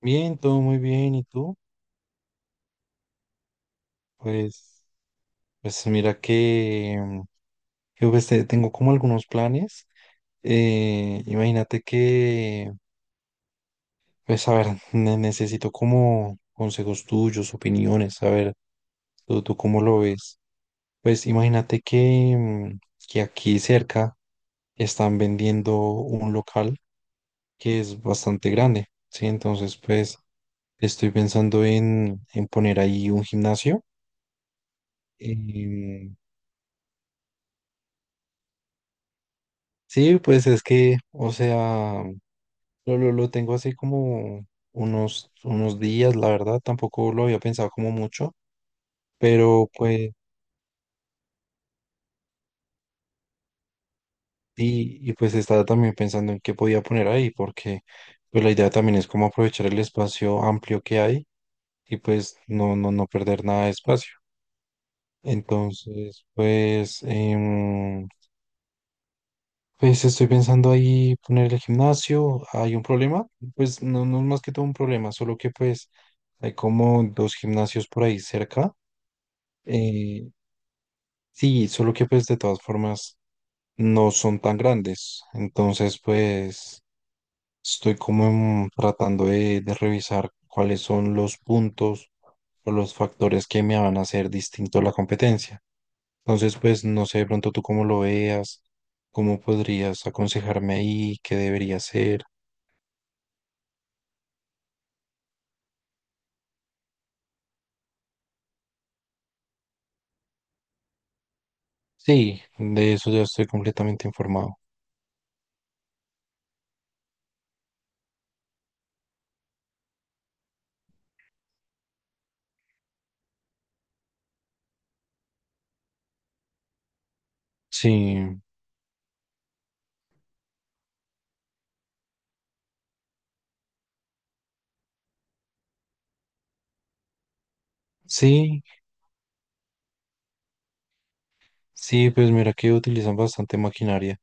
Bien, todo muy bien. ¿Y tú? Pues, pues mira que, pues, tengo como algunos planes. Imagínate que, pues a ver, necesito como consejos tuyos, opiniones, a ver, tú cómo lo ves. Pues imagínate que, que aquí cerca están vendiendo un local que es bastante grande, ¿sí? Entonces, pues estoy pensando en poner ahí un gimnasio. em, Sí, pues es que, o sea, lo tengo así como unos días, la verdad, tampoco lo había pensado como mucho, pero pues, y pues estaba también pensando en qué podía poner ahí, porque pues la idea también es como aprovechar el espacio amplio que hay y pues no perder nada de espacio. Entonces, pues, pues estoy pensando ahí poner el gimnasio. ¿Hay un problema? Pues no, no es más que todo un problema, solo que pues hay como dos gimnasios por ahí cerca. Eh, sí, solo que pues de todas formas no son tan grandes. Entonces pues estoy como tratando de revisar cuáles son los puntos o los factores que me van a hacer distinto a la competencia. Entonces pues no sé de pronto tú cómo lo veas, cómo podrías aconsejarme ahí, qué debería hacer. Sí, de eso ya estoy completamente informado. Sí, sí, sí, pues mira que utilizan bastante maquinaria.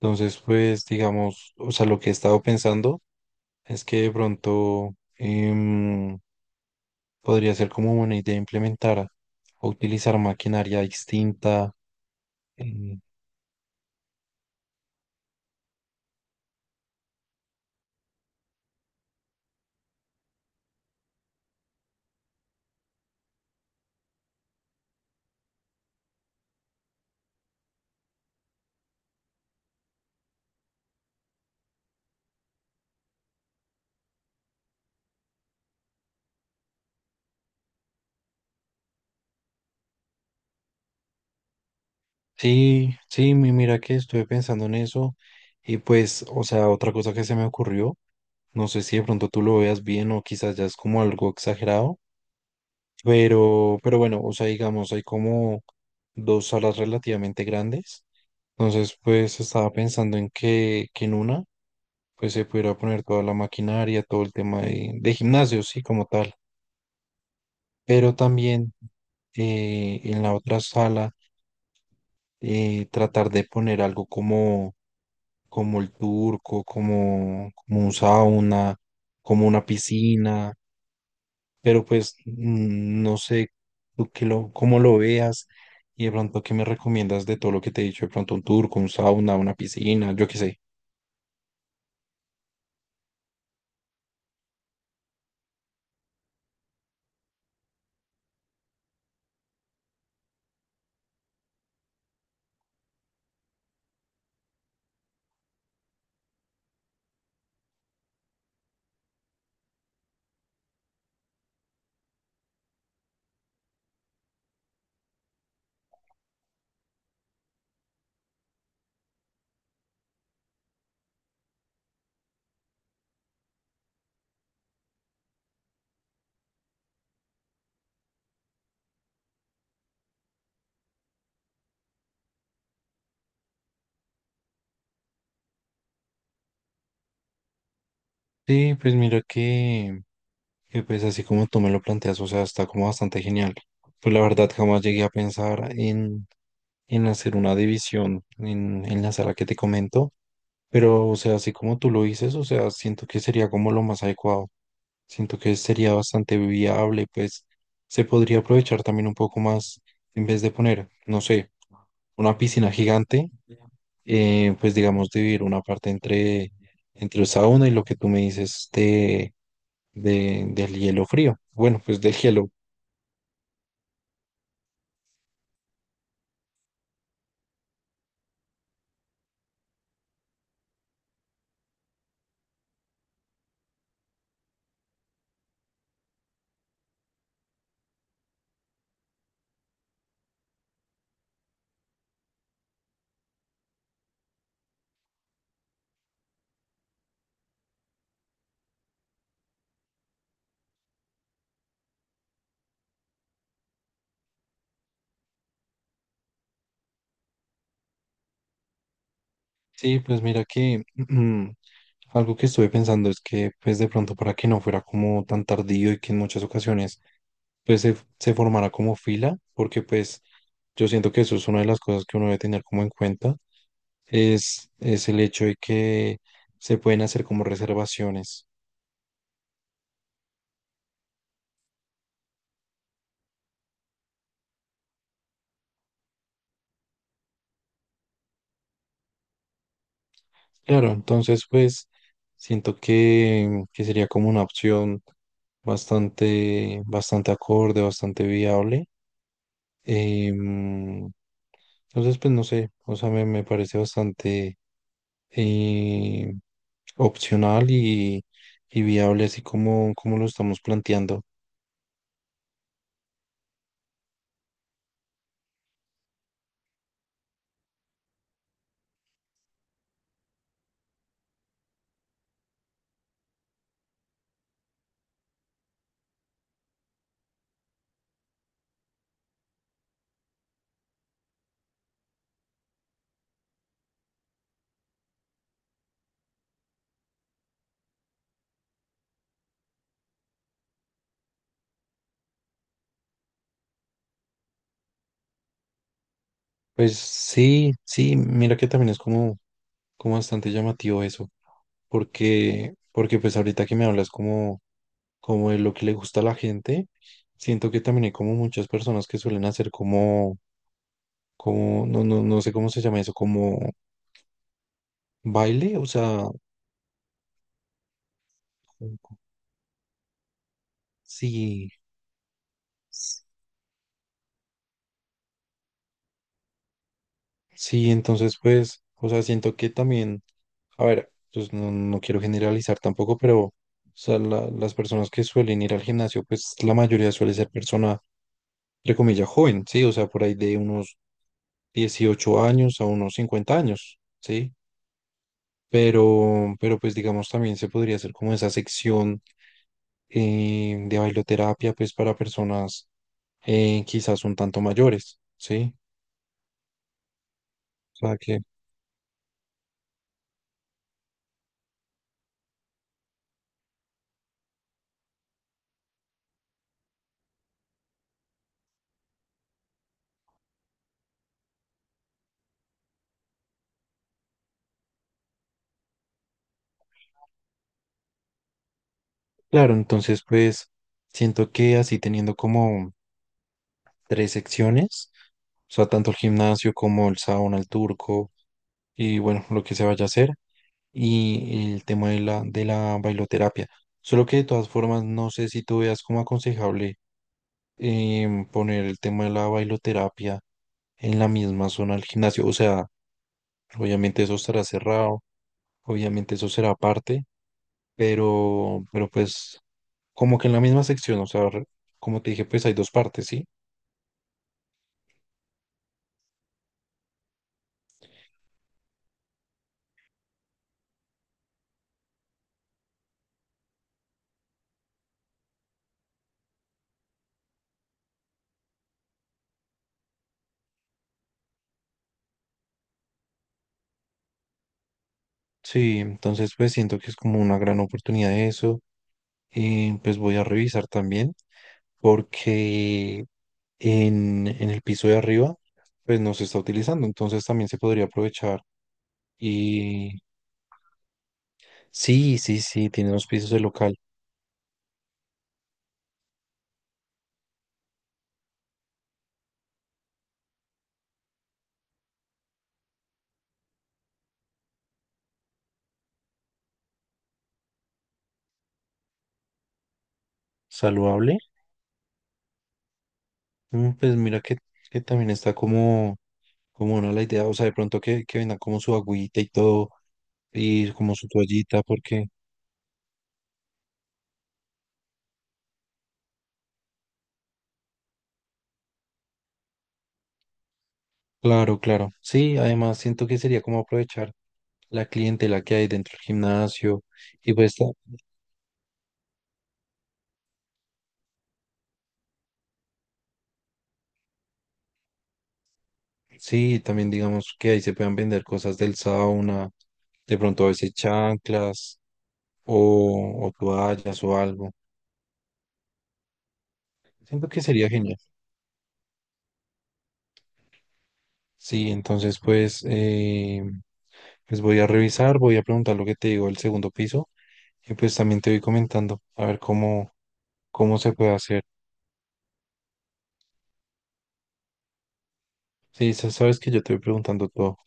Entonces, pues digamos, o sea, lo que he estado pensando es que de pronto em, podría ser como una idea implementar o utilizar maquinaria distinta. em, sí, sí, mira que estuve pensando en eso y pues, o sea, otra cosa que se me ocurrió, no sé si de pronto tú lo veas bien o quizás ya es como algo exagerado. Pero bueno, o sea, digamos, hay como dos salas relativamente grandes. Entonces, pues estaba pensando en que en una, pues se pudiera poner toda la maquinaria, todo el tema de gimnasio, sí, como tal. Pero también en la otra sala, tratar de poner algo como, como el turco, como, como un sauna, como una piscina, pero pues no sé tú qué lo, cómo lo veas y de pronto qué me recomiendas de todo lo que te he dicho, de pronto un turco, un sauna, una piscina, yo qué sé. Sí, pues mira que pues así como tú me lo planteas, o sea, está como bastante genial. Pues la verdad jamás llegué a pensar en hacer una división en la sala que te comento, pero o sea, así como tú lo dices, o sea, siento que sería como lo más adecuado. Siento que sería bastante viable, pues se podría aprovechar también un poco más en vez de poner, no sé, una piscina gigante, pues digamos dividir una parte entre, entre el sauna y lo que tú me dices de, del hielo frío. Bueno, pues del hielo. Sí, pues mira que algo que estuve pensando es que pues de pronto para que no fuera como tan tardío y que en muchas ocasiones pues se formara como fila, porque pues yo siento que eso es una de las cosas que uno debe tener como en cuenta es el hecho de que se pueden hacer como reservaciones. Claro, entonces pues siento que sería como una opción bastante, bastante acorde, bastante viable. Em, entonces pues no sé, o sea, me parece bastante eh, opcional y viable así como, como lo estamos planteando. Pues sí, sí, mira que también es como, como bastante llamativo eso. Porque, porque pues ahorita que me hablas como, como de lo que le gusta a la gente, siento que también hay como muchas personas que suelen hacer como, como, no sé cómo se llama eso, como baile, o sea, sí, sí, entonces pues, o sea, siento que también, a ver, pues no, no quiero generalizar tampoco, pero, o sea, las personas que suelen ir al gimnasio, pues la mayoría suele ser persona, entre comillas, joven, sí, o sea, por ahí de unos 18 años a unos 50 años, ¿sí? Pero pues digamos también se podría hacer como esa sección de bailoterapia pues para personas quizás un tanto mayores, ¿sí? O sea que, claro, entonces pues siento que así teniendo como tres secciones, o sea, tanto el gimnasio como el sauna, el turco y bueno, lo que se vaya a hacer y el tema de la bailoterapia. Solo que de todas formas no sé si tú veas como aconsejable poner el tema de la bailoterapia en la misma zona del gimnasio. O sea, obviamente eso estará cerrado, obviamente eso será aparte, pero pues como que en la misma sección, o sea, como te dije, pues hay dos partes, ¿sí? Sí, entonces pues siento que es como una gran oportunidad eso. Pues voy a revisar también porque en el piso de arriba pues no se está utilizando, entonces también se podría aprovechar. Y sí, sí, sí, tiene dos pisos de local. Saludable. Mm, pues mira que también está como, como una la idea, o sea, de pronto que vendan como su agüita y todo, y como su toallita, porque, claro, claro. Sí, además siento que sería como aprovechar la clientela que hay dentro del gimnasio, y pues sí, también digamos que ahí se puedan vender cosas del sauna, de pronto a veces chanclas o toallas o algo. Siento que sería genial. Sí, entonces pues, pues voy a revisar, voy a preguntar lo que te digo del segundo piso y pues también te voy comentando a ver cómo, cómo se puede hacer. Sí, sabes que yo te voy preguntando todo,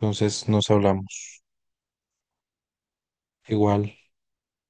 entonces nos hablamos. Igual.